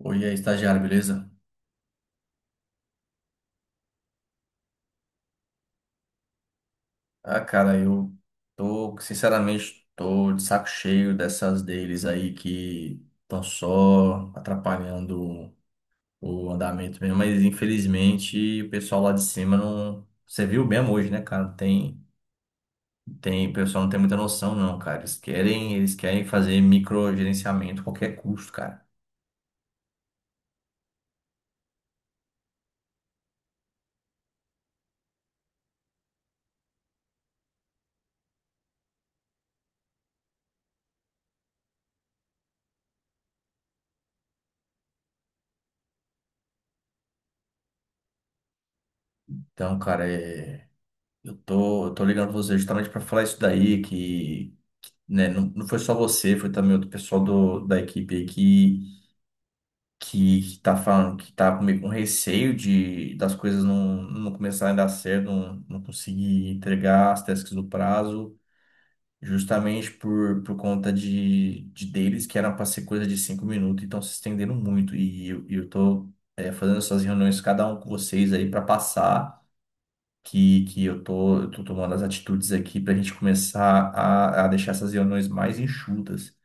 Oi, aí, estagiário, beleza? Ah, cara, eu tô, sinceramente, tô de saco cheio dessas deles aí que estão só atrapalhando o andamento mesmo, mas infelizmente o pessoal lá de cima não. Você viu bem hoje, né, cara? Não Tem, tem, o pessoal não tem muita noção, não, cara. Eles querem fazer microgerenciamento a qualquer custo, cara. Então, cara, é. Eu tô ligando pra você justamente para falar isso daí, que, né, não foi só você, foi também outro pessoal do, da equipe aí que, que tá falando, que tá comigo com meio com receio de, das coisas não começarem a dar certo, não conseguir entregar as tasks no prazo, justamente por conta de deles, que era para ser coisa de 5 minutos, então se estendendo muito, e eu, e eu tô fazendo essas reuniões, cada um com vocês aí, para passar que, que eu tô tomando as atitudes aqui para a gente começar a deixar essas reuniões mais enxutas,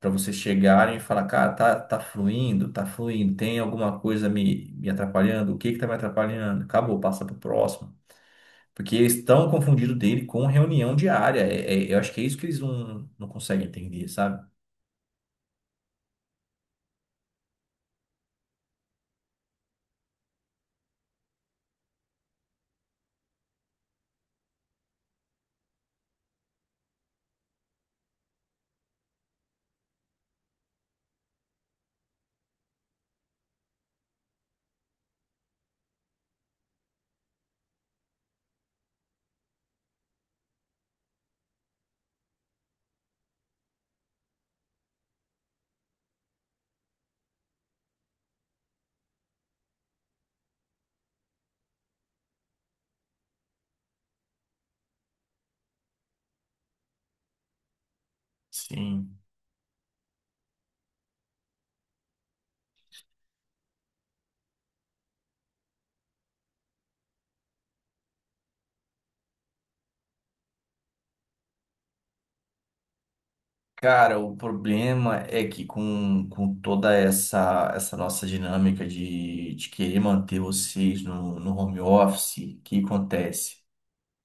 para vocês chegarem e falar, cara, tá, tá fluindo, tem alguma coisa me, me atrapalhando, o que que tá me atrapalhando? Acabou, passa pro próximo. Porque eles estão confundindo dele com reunião diária. Eu acho que é isso que eles não conseguem entender, sabe? Sim. Cara, o problema é que com toda essa, essa nossa dinâmica de querer manter vocês no, no home office, o que acontece?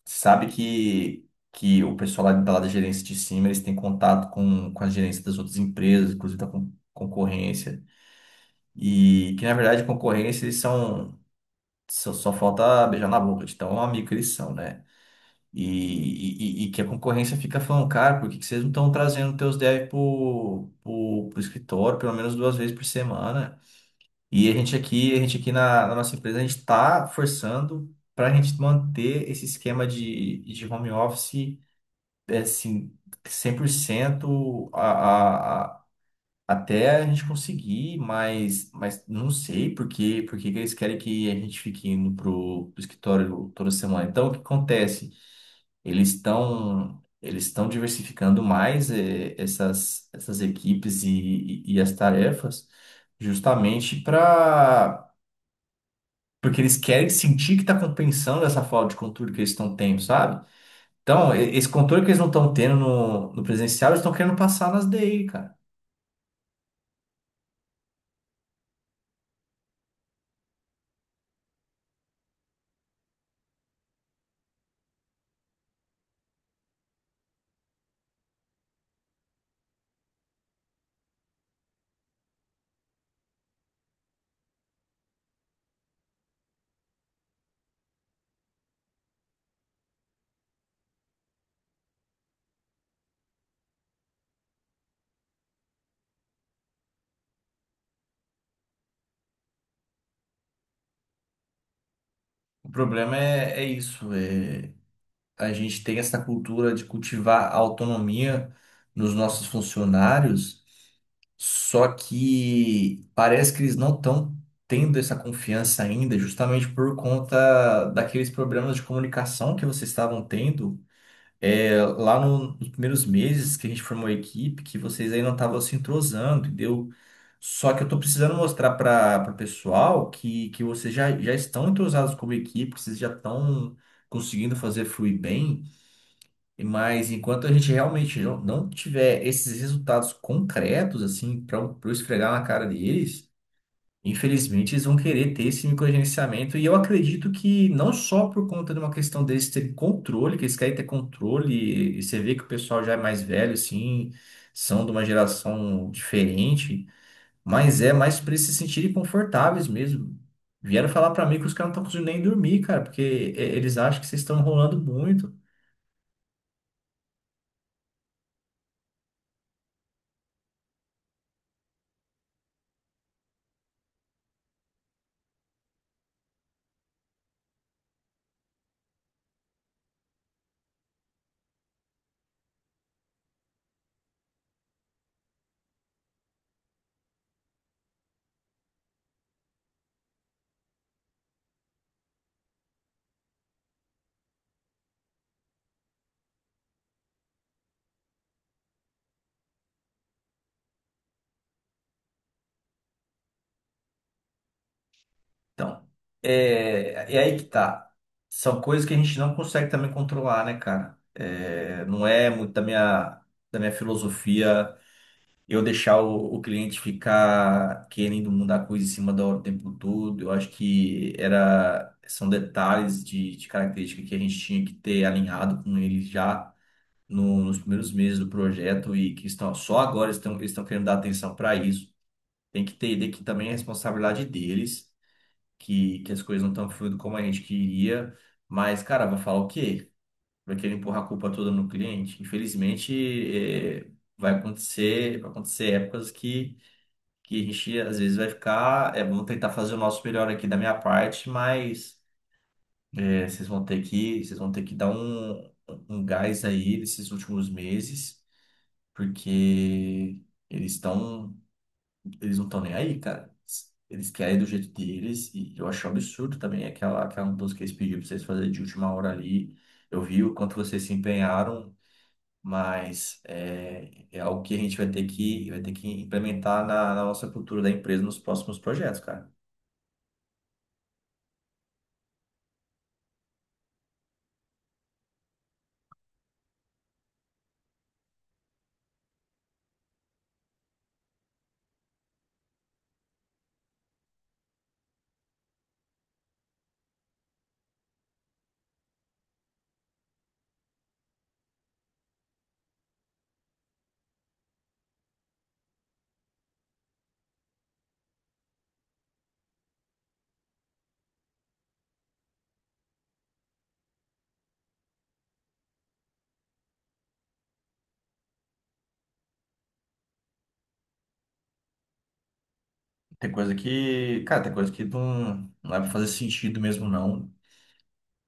Sabe que o pessoal lá da gerência de cima, eles têm contato com a gerência das outras empresas, inclusive da concorrência, e que na verdade concorrência eles são, só falta beijar na boca de tão amigo que eles são, né? E, e que a concorrência fica falando, cara, por que que vocês não estão trazendo teus devs pro escritório pelo menos 2 vezes por semana? E a gente aqui na, na nossa empresa, a gente está forçando para a gente manter esse esquema de home office, é, assim, 100% até a gente conseguir, mas não sei por quê, por que que eles querem que a gente fique indo pro, pro escritório toda semana. Então, o que acontece? Eles estão diversificando mais essas, essas equipes e as tarefas, justamente para porque eles querem sentir que está compensando essa falta de controle que eles estão tendo, sabe? Então, esse controle que eles não estão tendo no, no presencial, eles estão querendo passar nas DI, cara. O problema é, é isso. É a gente tem essa cultura de cultivar a autonomia nos nossos funcionários, só que parece que eles não estão tendo essa confiança ainda, justamente por conta daqueles problemas de comunicação que vocês estavam tendo. É, lá nos primeiros meses que a gente formou a equipe, que vocês aí não estavam se entrosando, entendeu? Só que eu tô precisando mostrar para o pessoal que vocês já, já estão entrosados como equipe, que vocês já estão conseguindo fazer fluir bem. Mas enquanto a gente realmente não tiver esses resultados concretos, assim, para eu esfregar na cara deles, infelizmente eles vão querer ter esse microgerenciamento. E eu acredito que não só por conta de uma questão deles terem controle, que eles querem ter controle, e você vê que o pessoal já é mais velho, assim, são de uma geração diferente, mas é mais para eles se sentirem confortáveis mesmo. Vieram falar para mim que os caras não estão conseguindo nem dormir, cara, porque eles acham que vocês estão enrolando muito. Então, é, é aí que tá. São coisas que a gente não consegue também controlar, né, cara? É, não é muito da minha filosofia eu deixar o cliente ficar querendo mudar a coisa em cima da hora o tempo todo. Eu acho que era, são detalhes de característica que a gente tinha que ter alinhado com ele já nos primeiros meses do projeto e que estão, só agora estão, eles estão querendo dar atenção para isso. Tem que ter, tem que também é responsabilidade deles que as coisas não estão fluindo como a gente queria, mas, cara, vai falar o quê? Vai querer empurrar a culpa toda no cliente? Infelizmente, é, vai acontecer épocas que a gente às vezes vai ficar, é, vamos tentar fazer o nosso melhor aqui da minha parte, mas é, vocês vão ter que dar um, um gás aí nesses últimos meses, porque eles estão eles não estão nem aí, cara. Eles querem do jeito deles e eu acho um absurdo também aquela, aquela música que eles pediram pra vocês fazerem de última hora ali. Eu vi o quanto vocês se empenharam, mas é, é algo que a gente vai ter que implementar na, na nossa cultura da empresa nos próximos projetos, cara. Tem coisa que, cara, tem coisa que não vai fazer sentido mesmo, não.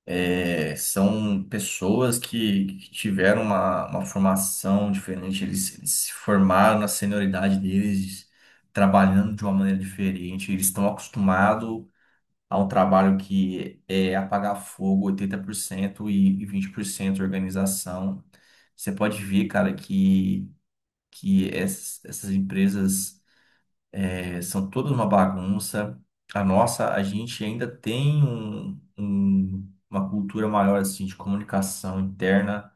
É, são pessoas que tiveram uma formação diferente, eles se formaram na senioridade deles, trabalhando de uma maneira diferente, eles estão acostumados a um trabalho que é apagar fogo, 80% e 20% organização. Você pode ver, cara, que essas, essas empresas. É, são todos uma bagunça. A nossa, a gente ainda tem uma cultura maior assim de comunicação interna,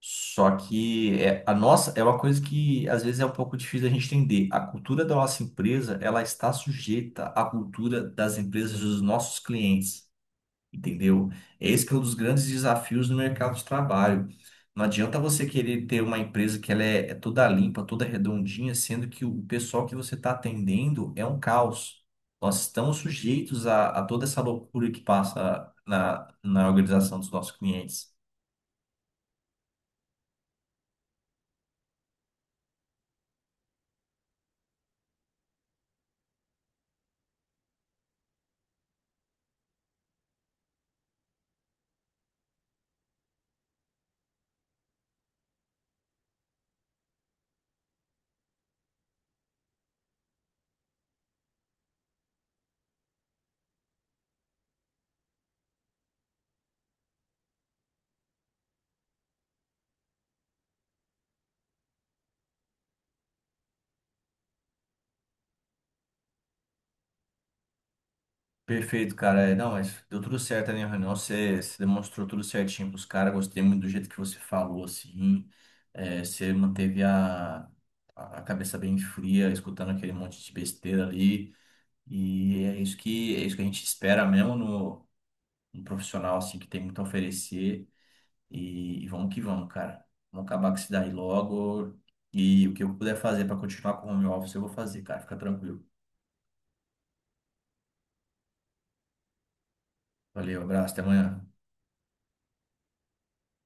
só que é, a nossa é uma coisa que às vezes é um pouco difícil a gente entender. A cultura da nossa empresa, ela está sujeita à cultura das empresas dos nossos clientes, entendeu? Esse que é um dos grandes desafios no mercado de trabalho. Não adianta você querer ter uma empresa que ela é, é toda limpa, toda redondinha, sendo que o pessoal que você está atendendo é um caos. Nós estamos sujeitos a toda essa loucura que passa na, na organização dos nossos clientes. Perfeito, cara. É, não, mas deu tudo certo ali na reunião. Você, você demonstrou tudo certinho pros caras. Gostei muito do jeito que você falou, assim. É, você manteve a cabeça bem fria, escutando aquele monte de besteira ali. E é isso que a gente espera mesmo no, no profissional, assim, que tem muito a oferecer. E vamos que vamos, cara. Vamos acabar com isso daí logo. E o que eu puder fazer para continuar com o home office, eu vou fazer, cara. Fica tranquilo. Valeu, abraço, até amanhã.